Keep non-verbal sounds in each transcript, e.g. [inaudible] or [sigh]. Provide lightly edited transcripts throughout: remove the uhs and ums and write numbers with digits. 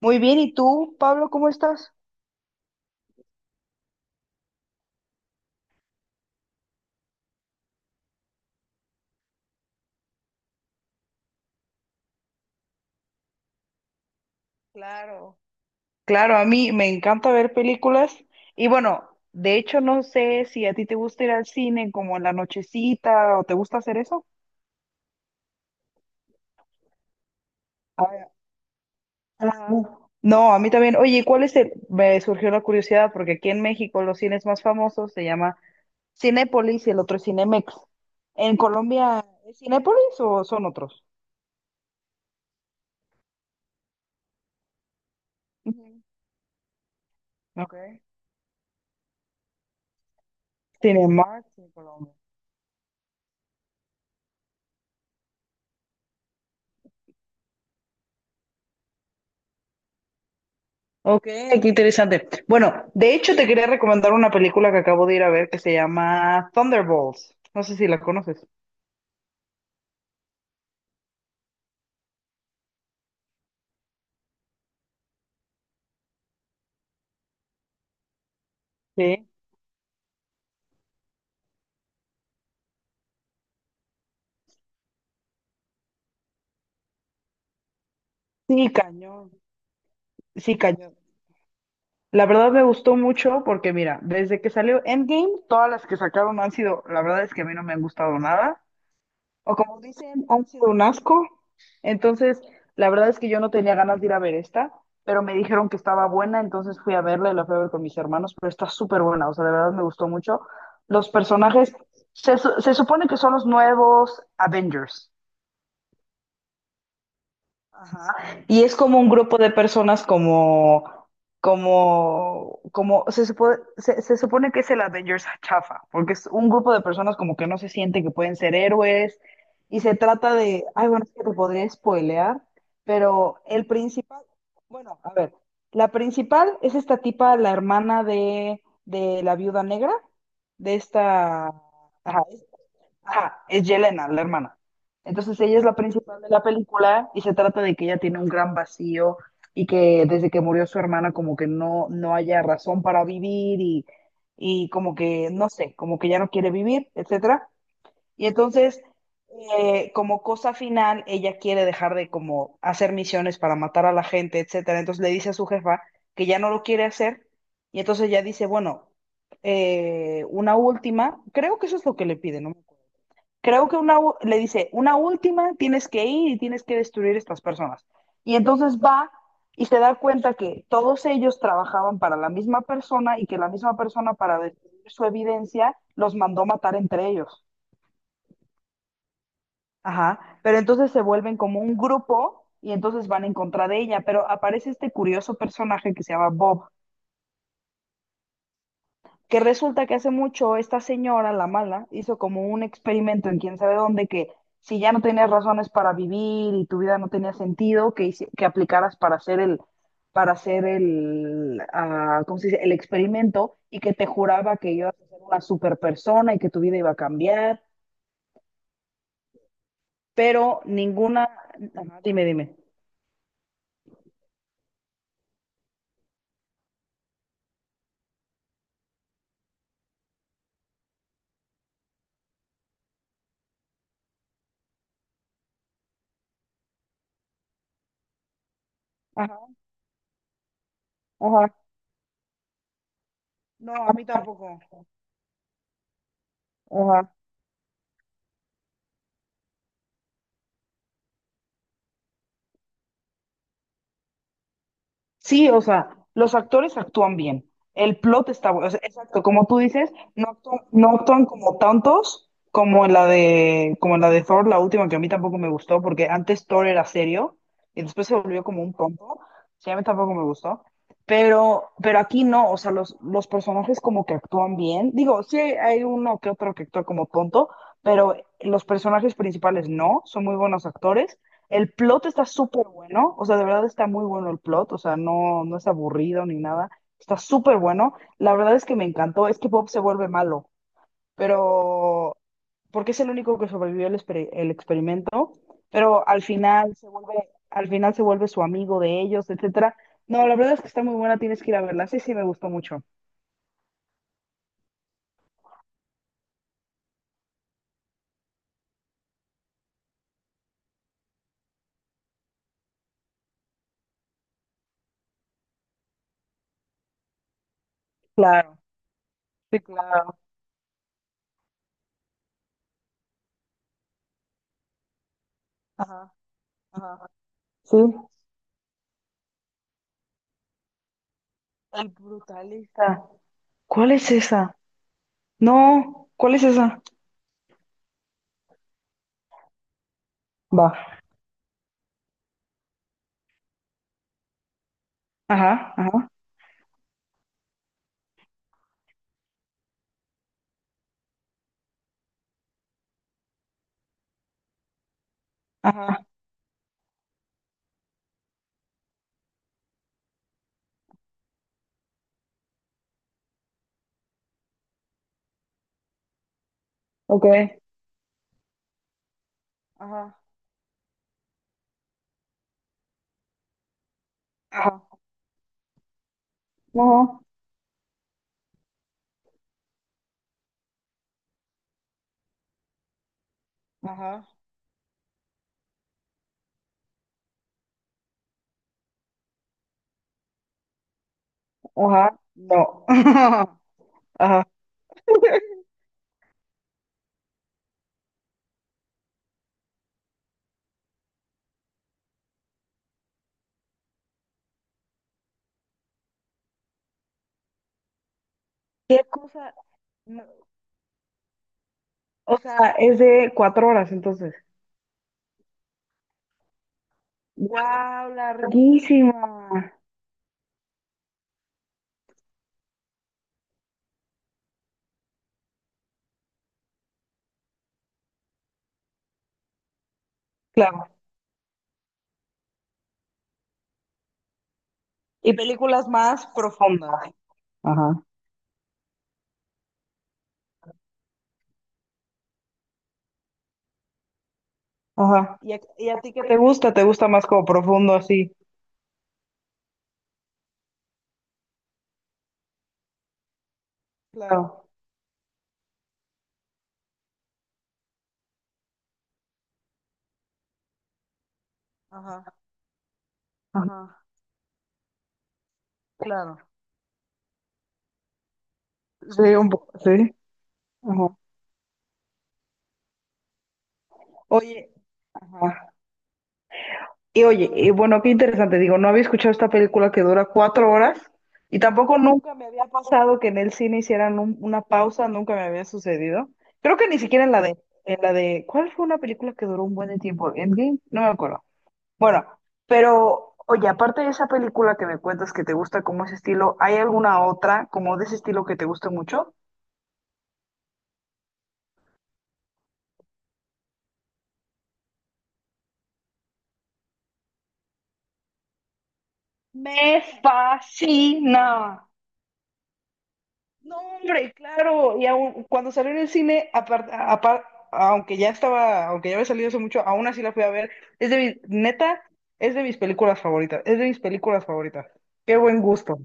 Muy bien, ¿y tú, Pablo, cómo estás? Claro, claro, a mí me encanta ver películas y bueno, de hecho no sé si a ti te gusta ir al cine como en la nochecita o te gusta hacer eso. A ver. Ajá. No, a mí también. Oye, ¿cuál es el? Me surgió la curiosidad porque aquí en México los cines más famosos se llama Cinépolis y el otro es Cinemex. ¿En Colombia es Cinépolis o son otros? Ujú. Okay. Cinemark, en Colombia. Ok, qué interesante. Bueno, de hecho te quería recomendar una película que acabo de ir a ver que se llama Thunderbolts. No sé si la conoces. Sí. Sí, cañón. Sí, cañón. La verdad me gustó mucho porque mira, desde que salió Endgame, todas las que sacaron han sido, la verdad es que a mí no me han gustado nada. O como dicen, han sido un asco. Entonces, la verdad es que yo no tenía ganas de ir a ver esta, pero me dijeron que estaba buena, entonces fui a verla y la fui a ver con mis hermanos, pero está súper buena, o sea, de verdad me gustó mucho. Los personajes, se supone que son los nuevos Avengers. Ajá. Y es como un grupo de personas se se supone que es el Avengers chafa, porque es un grupo de personas como que no se sienten que pueden ser héroes, y se trata de, ay, bueno, es que te podría spoilear, pero el principal, bueno, a ver, la principal es esta tipa, la hermana de la viuda negra, de esta, ajá. Ajá, es Yelena, la hermana. Entonces ella es la principal de la película y se trata de que ella tiene un gran vacío y que desde que murió su hermana como que no haya razón para vivir y como que, no sé, como que ya no quiere vivir, etcétera. Y entonces, como cosa final, ella quiere dejar de como hacer misiones para matar a la gente, etcétera. Entonces le dice a su jefa que ya no lo quiere hacer y entonces ella dice, bueno, una última, creo que eso es lo que le pide, ¿no? Creo que le dice, una última, tienes que ir y tienes que destruir estas personas. Y entonces va y se da cuenta que todos ellos trabajaban para la misma persona y que la misma persona para destruir su evidencia los mandó matar entre ellos. Ajá, pero entonces se vuelven como un grupo y entonces van en contra de ella, pero aparece este curioso personaje que se llama Bob, que resulta que hace mucho esta señora, la mala, hizo como un experimento en quién sabe dónde que si ya no tenías razones para vivir y tu vida no tenía sentido, que, que aplicaras para hacer el, ah, ¿cómo se dice? El experimento y que te juraba que ibas a ser una super persona y que tu vida iba a cambiar, pero ninguna. Ajá, dime, dime. Ajá, ajá. No, a mí tampoco. Ajá. Sí, o sea, los actores actúan bien. El plot está bueno. O sea, exacto, como tú dices, no actúan, no actúan como tantos como en la de, como en la de Thor, la última que a mí tampoco me gustó, porque antes Thor era serio y después se volvió como un tonto. Sí, a mí tampoco me gustó. Pero aquí no, o sea, los personajes como que actúan bien. Digo, hay uno que otro que actúa como tonto, pero los personajes principales no, son muy buenos actores. El plot está súper bueno, o sea, de verdad está muy bueno el plot, o sea, no es aburrido ni nada, está súper bueno. La verdad es que me encantó, es que Bob se vuelve malo, pero porque es el único que sobrevivió el experimento, pero al final se vuelve, al final se vuelve su amigo de ellos, etcétera. No, la verdad es que está muy buena, tienes que ir a verla. Sí, sí, me gustó mucho. Claro, sí, claro. Ajá, ajá. Ajá. Sí. El brutalista. ¿Cuál es esa? No, ¿cuál es esa? Va. Ajá, ajá, ajá, ok, ajá, ajá, no, ajá, ajá, no, [laughs] ajá. ¿Qué cosa? No, o sea, es de cuatro horas, entonces. ¡Guau, larguísima! Claro. Y películas más profundas. Ajá, ajá. Y a ti qué te gusta? ¿Te gusta más como profundo así? Claro. Ajá, ajá, claro. Sí, un poco, sí. Ajá. Oye, ajá. Y oye, y bueno, qué interesante, digo, no había escuchado esta película que dura cuatro horas y tampoco nunca me había pasado que en el cine hicieran una pausa, nunca me había sucedido. Creo que ni siquiera en la de, ¿cuál fue una película que duró un buen de tiempo? ¿Endgame? No me acuerdo. Bueno, pero oye, aparte de esa película que me cuentas que te gusta como ese estilo, ¿hay alguna otra como de ese estilo que te guste mucho? Me fascina. No, hombre, claro. Y aún, cuando salió en el cine, aunque ya estaba, aunque ya había salido hace mucho, aún así la fui a ver. Es de mi, neta, es de mis películas favoritas. Es de mis películas favoritas. Qué buen gusto.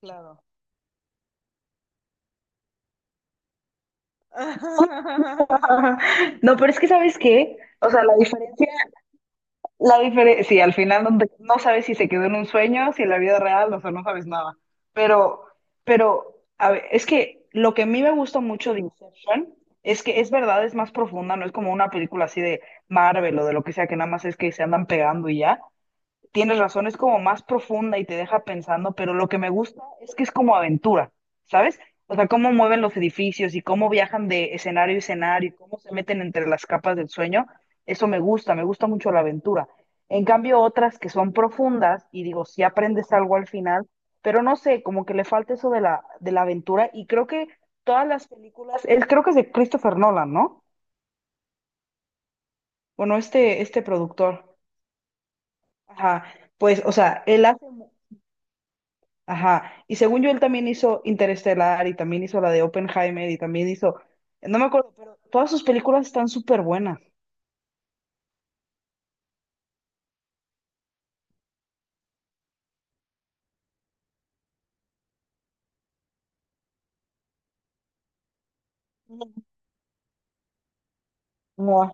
Claro. [laughs] No, pero es que, ¿sabes qué? O sea, la diferencia. La diferencia, sí, al final no, no sabes si se quedó en un sueño, si en la vida real, o sea, no sabes nada. Pero, pero, a ver, es que lo que a mí me gusta mucho de Inception es que es verdad, es más profunda, no es como una película así de Marvel o de lo que sea, que nada más es que se andan pegando y ya. Tienes razón, es como más profunda y te deja pensando, pero lo que me gusta es que es como aventura, ¿sabes? O sea, cómo mueven los edificios y cómo viajan de escenario a escenario y cómo se meten entre las capas del sueño, eso me gusta mucho la aventura. En cambio, otras que son profundas y digo, si aprendes algo al final, pero no sé, como que le falta eso de la aventura y creo que todas las películas, creo que es de Christopher Nolan, ¿no? Bueno, este productor, ajá, pues, o sea, él hace. Ajá, y según yo él también hizo Interestelar y también hizo la de Oppenheimer y también hizo, no me acuerdo, pero todas sus películas están súper buenas. Ujú. Mua.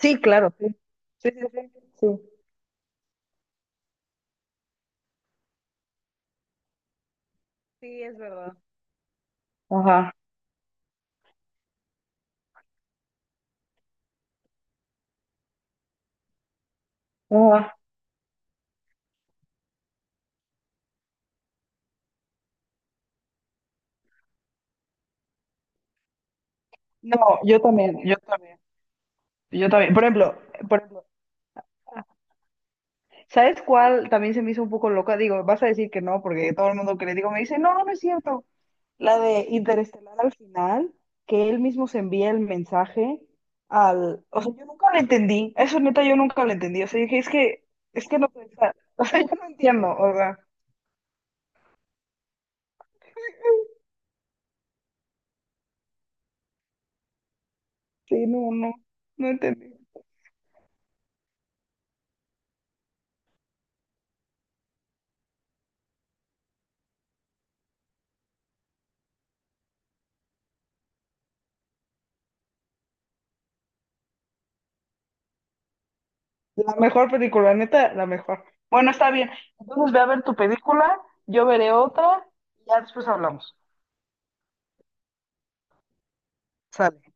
Sí, claro, sí. Sí, sí, sí. Sí. Sí, es verdad. Ajá, ajá. No, yo también, yo también, yo también. Por ejemplo, ¿sabes cuál también se me hizo un poco loca? Digo, vas a decir que no, porque todo el mundo que le digo me dice, no, no no es cierto. La de Interestelar al final, que él mismo se envía el mensaje al... O sea, yo nunca lo entendí. Eso neta, yo nunca lo entendí. O sea, dije, es que no puede estar. [laughs] O sea, yo no entiendo. O sea, sí, no, no, no entendí. La mejor película, neta, la mejor. Bueno, está bien. Entonces ve a ver tu película, yo veré otra y ya después hablamos. Sale.